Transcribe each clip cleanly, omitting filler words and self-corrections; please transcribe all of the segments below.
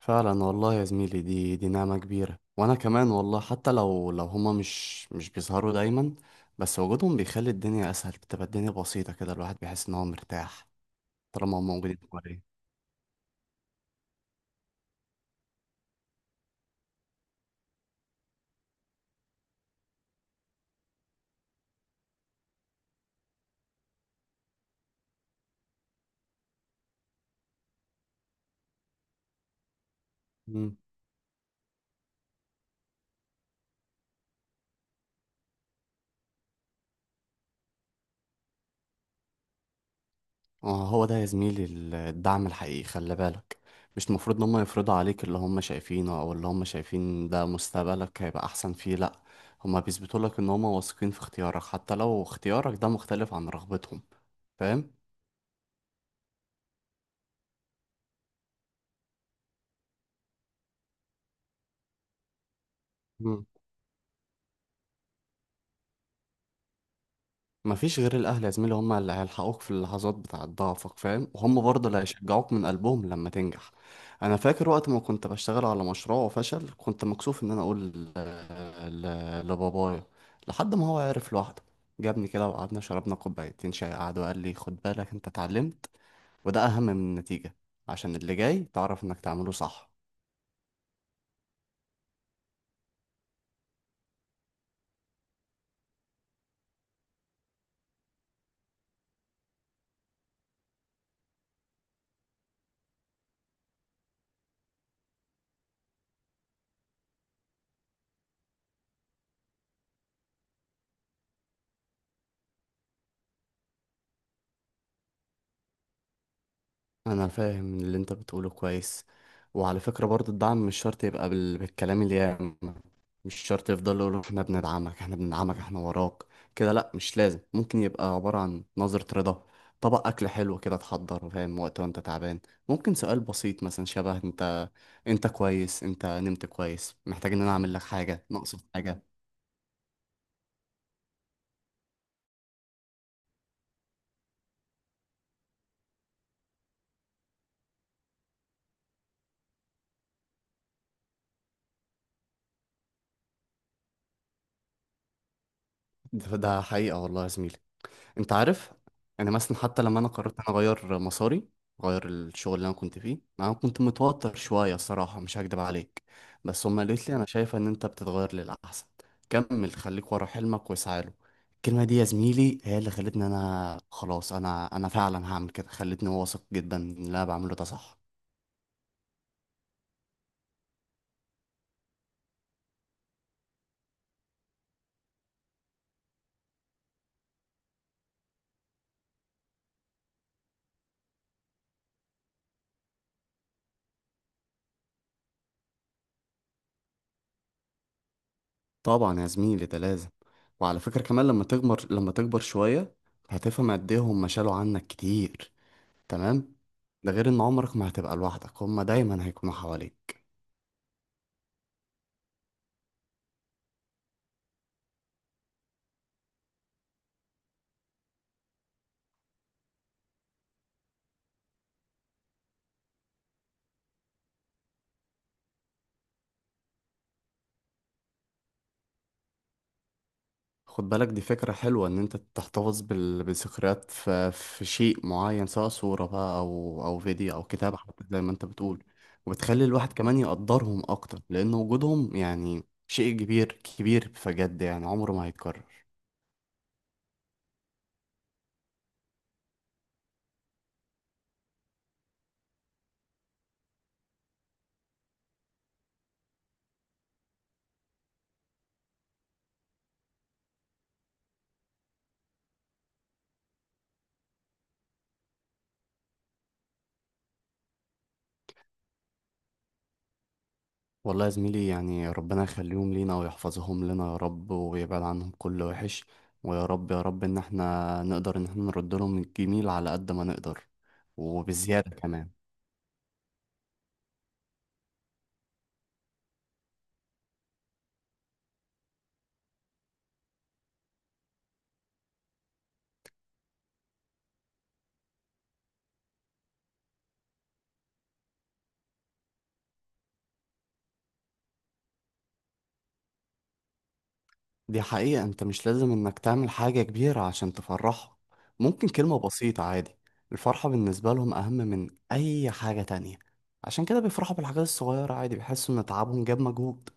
فعلا والله يا زميلي دي نعمة كبيرة، وانا كمان والله حتى لو هما مش بيظهروا دايما، بس وجودهم بيخلي الدنيا اسهل، بتبقى الدنيا بسيطة كده، الواحد بيحس ان هو مرتاح طالما هما موجودين حواليه. مم. هو ده يا زميلي الدعم الحقيقي، خلي بالك. مش المفروض ان هما يفرضوا عليك اللي هما شايفينه او اللي هما شايفين ده مستقبلك هيبقى احسن فيه، لا. هما بيثبتوا لك ان هما واثقين في اختيارك حتى لو اختيارك ده مختلف عن رغبتهم، فاهم؟ مفيش غير الأهل يا زميلي، هم اللي هيلحقوك في اللحظات بتاعة ضعفك، فاهم، وهم برضه اللي هيشجعوك من قلبهم لما تنجح. أنا فاكر وقت ما كنت بشتغل على مشروع وفشل، كنت مكسوف إن أنا لبابايا، لحد ما هو عرف لوحده. جابني كده وقعدنا شربنا كوبايتين شاي، قعد وقال لي: خد بالك، أنت اتعلمت، وده أهم من النتيجة، عشان اللي جاي تعرف إنك تعمله صح. انا فاهم اللي انت بتقوله كويس. وعلى فكرة برضو، الدعم مش شرط يبقى بالكلام اليام، مش شرط يفضل يقولوا: احنا بندعمك، احنا بندعمك، احنا وراك كده، لا. مش لازم، ممكن يبقى عبارة عن نظرة رضا، طبق اكل حلو كده تحضره، فاهم، وقت وانت تعبان، ممكن سؤال بسيط مثلا شبه: انت، انت كويس؟ انت نمت كويس؟ محتاج ان انا اعمل لك حاجة؟ ناقصك حاجة؟ ده حقيقة والله يا زميلي. انت عارف، انا مثلا حتى لما انا قررت انا اغير مساري، اغير الشغل اللي انا كنت فيه، انا كنت متوتر شويه الصراحه، مش هكدب عليك، بس هما قالت لي: انا شايفه ان انت بتتغير للاحسن، كمل، خليك ورا حلمك واسعى له. الكلمه دي يا زميلي هي اللي خلتني انا خلاص انا فعلا هعمل كده، خلتني واثق جدا ان اللي انا بعمله ده صح. طبعا يا زميلي ده لازم. وعلى فكره كمان لما تكبر، لما تكبر شويه، هتفهم قد ايه هما شالوا عنك كتير، تمام؟ ده غير ان عمرك ما هتبقى لوحدك، هما دايما هيكونوا حواليك. خد بالك، دي فكرة حلوة ان انت تحتفظ بذكريات في, في شيء معين، سواء صورة بقى او فيديو او كتاب حتى، زي ما انت بتقول. وبتخلي الواحد كمان يقدرهم اكتر، لان وجودهم يعني شيء كبير، كبير بجد يعني، عمره ما هيتكرر. والله يا زميلي يعني ربنا يخليهم لينا ويحفظهم لنا يا رب، ويبعد عنهم كل وحش. ويا رب ان احنا نقدر ان احنا نرد لهم الجميل على قد ما نقدر، وبزيادة كمان. دي حقيقة، انت مش لازم انك تعمل حاجة كبيرة عشان تفرحهم، ممكن كلمة بسيطة عادي. الفرحة بالنسبة لهم اهم من اي حاجة تانية، عشان كده بيفرحوا بالحاجات الصغيرة عادي، بيحسوا ان تعبهم جاب مجهود.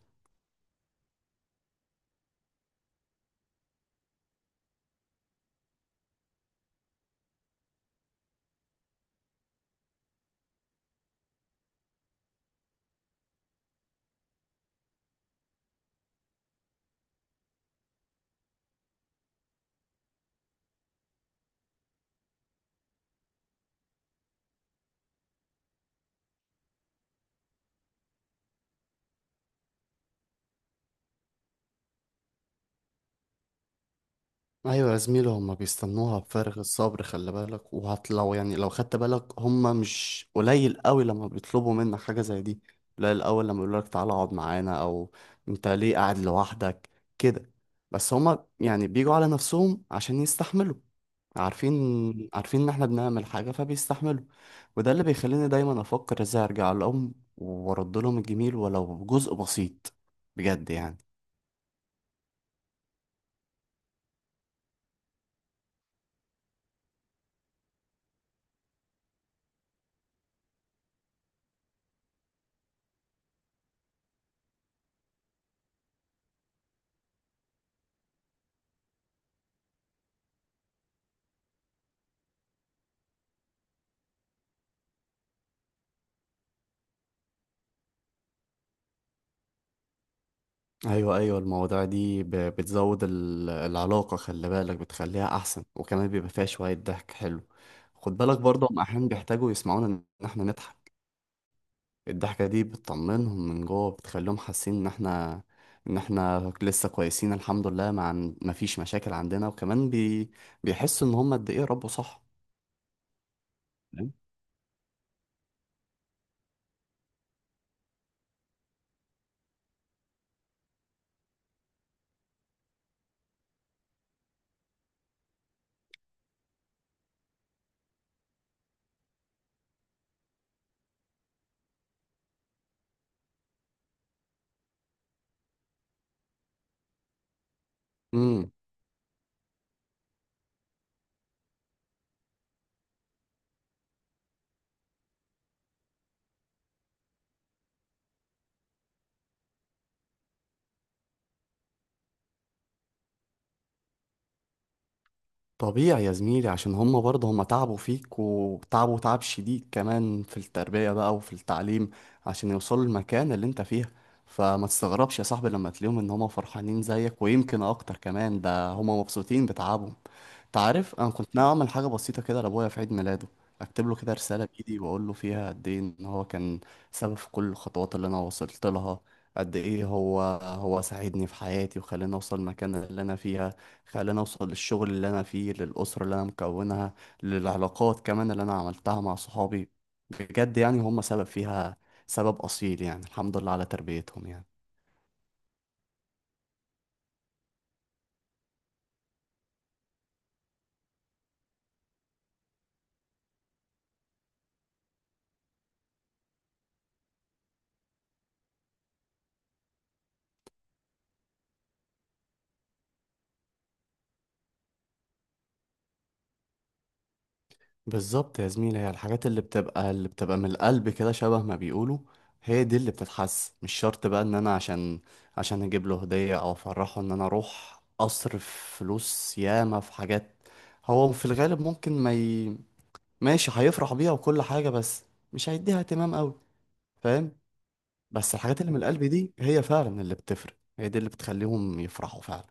ايوه يا زميلي، هما بيستنوها بفارغ الصبر، خلي بالك. وهتلو يعني لو خدت بالك، هما مش قليل قوي لما بيطلبوا منك حاجه زي دي، قليل قوي لما يقولوا لك تعالى اقعد معانا، او انت ليه قاعد لوحدك كده. بس هما يعني بيجوا على نفسهم عشان يستحملوا، عارفين، عارفين ان احنا بنعمل حاجه فبيستحملوا. وده اللي بيخليني دايما افكر ازاي ارجع لهم وارد لهم الجميل ولو جزء بسيط، بجد يعني. ايوه ايوه، المواضيع دي بتزود العلاقه، خلي بالك، بتخليها احسن، وكمان بيبقى فيها شويه ضحك حلو. خد بالك برضه، هم احيانا بيحتاجوا يسمعونا ان احنا نضحك. الضحكه دي بتطمنهم من جوه، بتخليهم حاسين ان احنا، ان احنا لسه كويسين، الحمد لله، ما فيش مشاكل عندنا، وكمان بيحسوا ان هم قد ايه ربوا صح، تمام؟ طبيعي يا زميلي، عشان هما برضه، هما تعبوا فيك، وتعبوا تعب شديد كمان في التربية بقى وفي التعليم، عشان يوصلوا المكان اللي انت فيها. فما تستغربش يا صاحبي لما تلاقيهم ان هما فرحانين زيك ويمكن اكتر كمان، ده هما مبسوطين بتعبهم. تعرف، انا كنت ناوي اعمل حاجه بسيطه كده لابويا في عيد ميلاده، اكتب له كده رساله بايدي، واقول له فيها قد ايه ان هو كان سبب في كل الخطوات اللي انا وصلت لها، قد ايه هو ساعدني في حياتي وخلاني اوصل المكان اللي انا فيها، خلاني اوصل للشغل اللي انا فيه، للاسره اللي انا مكونها، للعلاقات كمان اللي انا عملتها مع صحابي. بجد يعني هم سبب فيها، سبب اصيل يعني، الحمد لله على تربيتهم يعني. بالظبط يا زميلي، هي الحاجات اللي بتبقى، اللي بتبقى من القلب كده، شبه ما بيقولوا، هي دي اللي بتتحس. مش شرط بقى ان انا عشان، عشان اجيب له هدية او افرحه ان انا اروح اصرف فلوس ياما في حاجات، هو في الغالب ممكن ما ي... ماشي هيفرح بيها وكل حاجة، بس مش هيديها اهتمام قوي، فاهم. بس الحاجات اللي من القلب دي هي فعلا اللي بتفرق، هي دي اللي بتخليهم يفرحوا فعلا.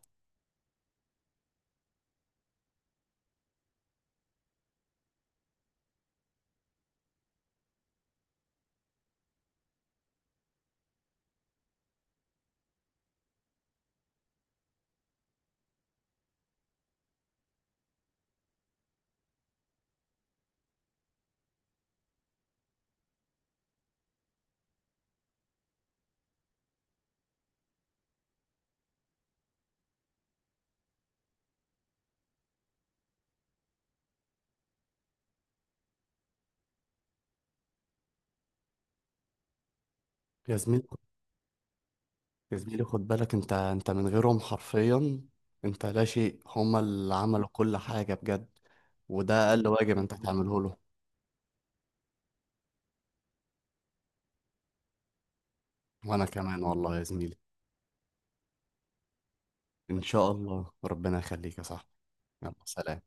يا زميلي يا زميلي، خد بالك انت، انت من غيرهم حرفيا انت لا شيء، هما اللي عملوا كل حاجة بجد، وده اقل واجب انت تعمله له. وانا كمان والله يا زميلي، ان شاء الله ربنا يخليك يا صاحبي. يلا سلام.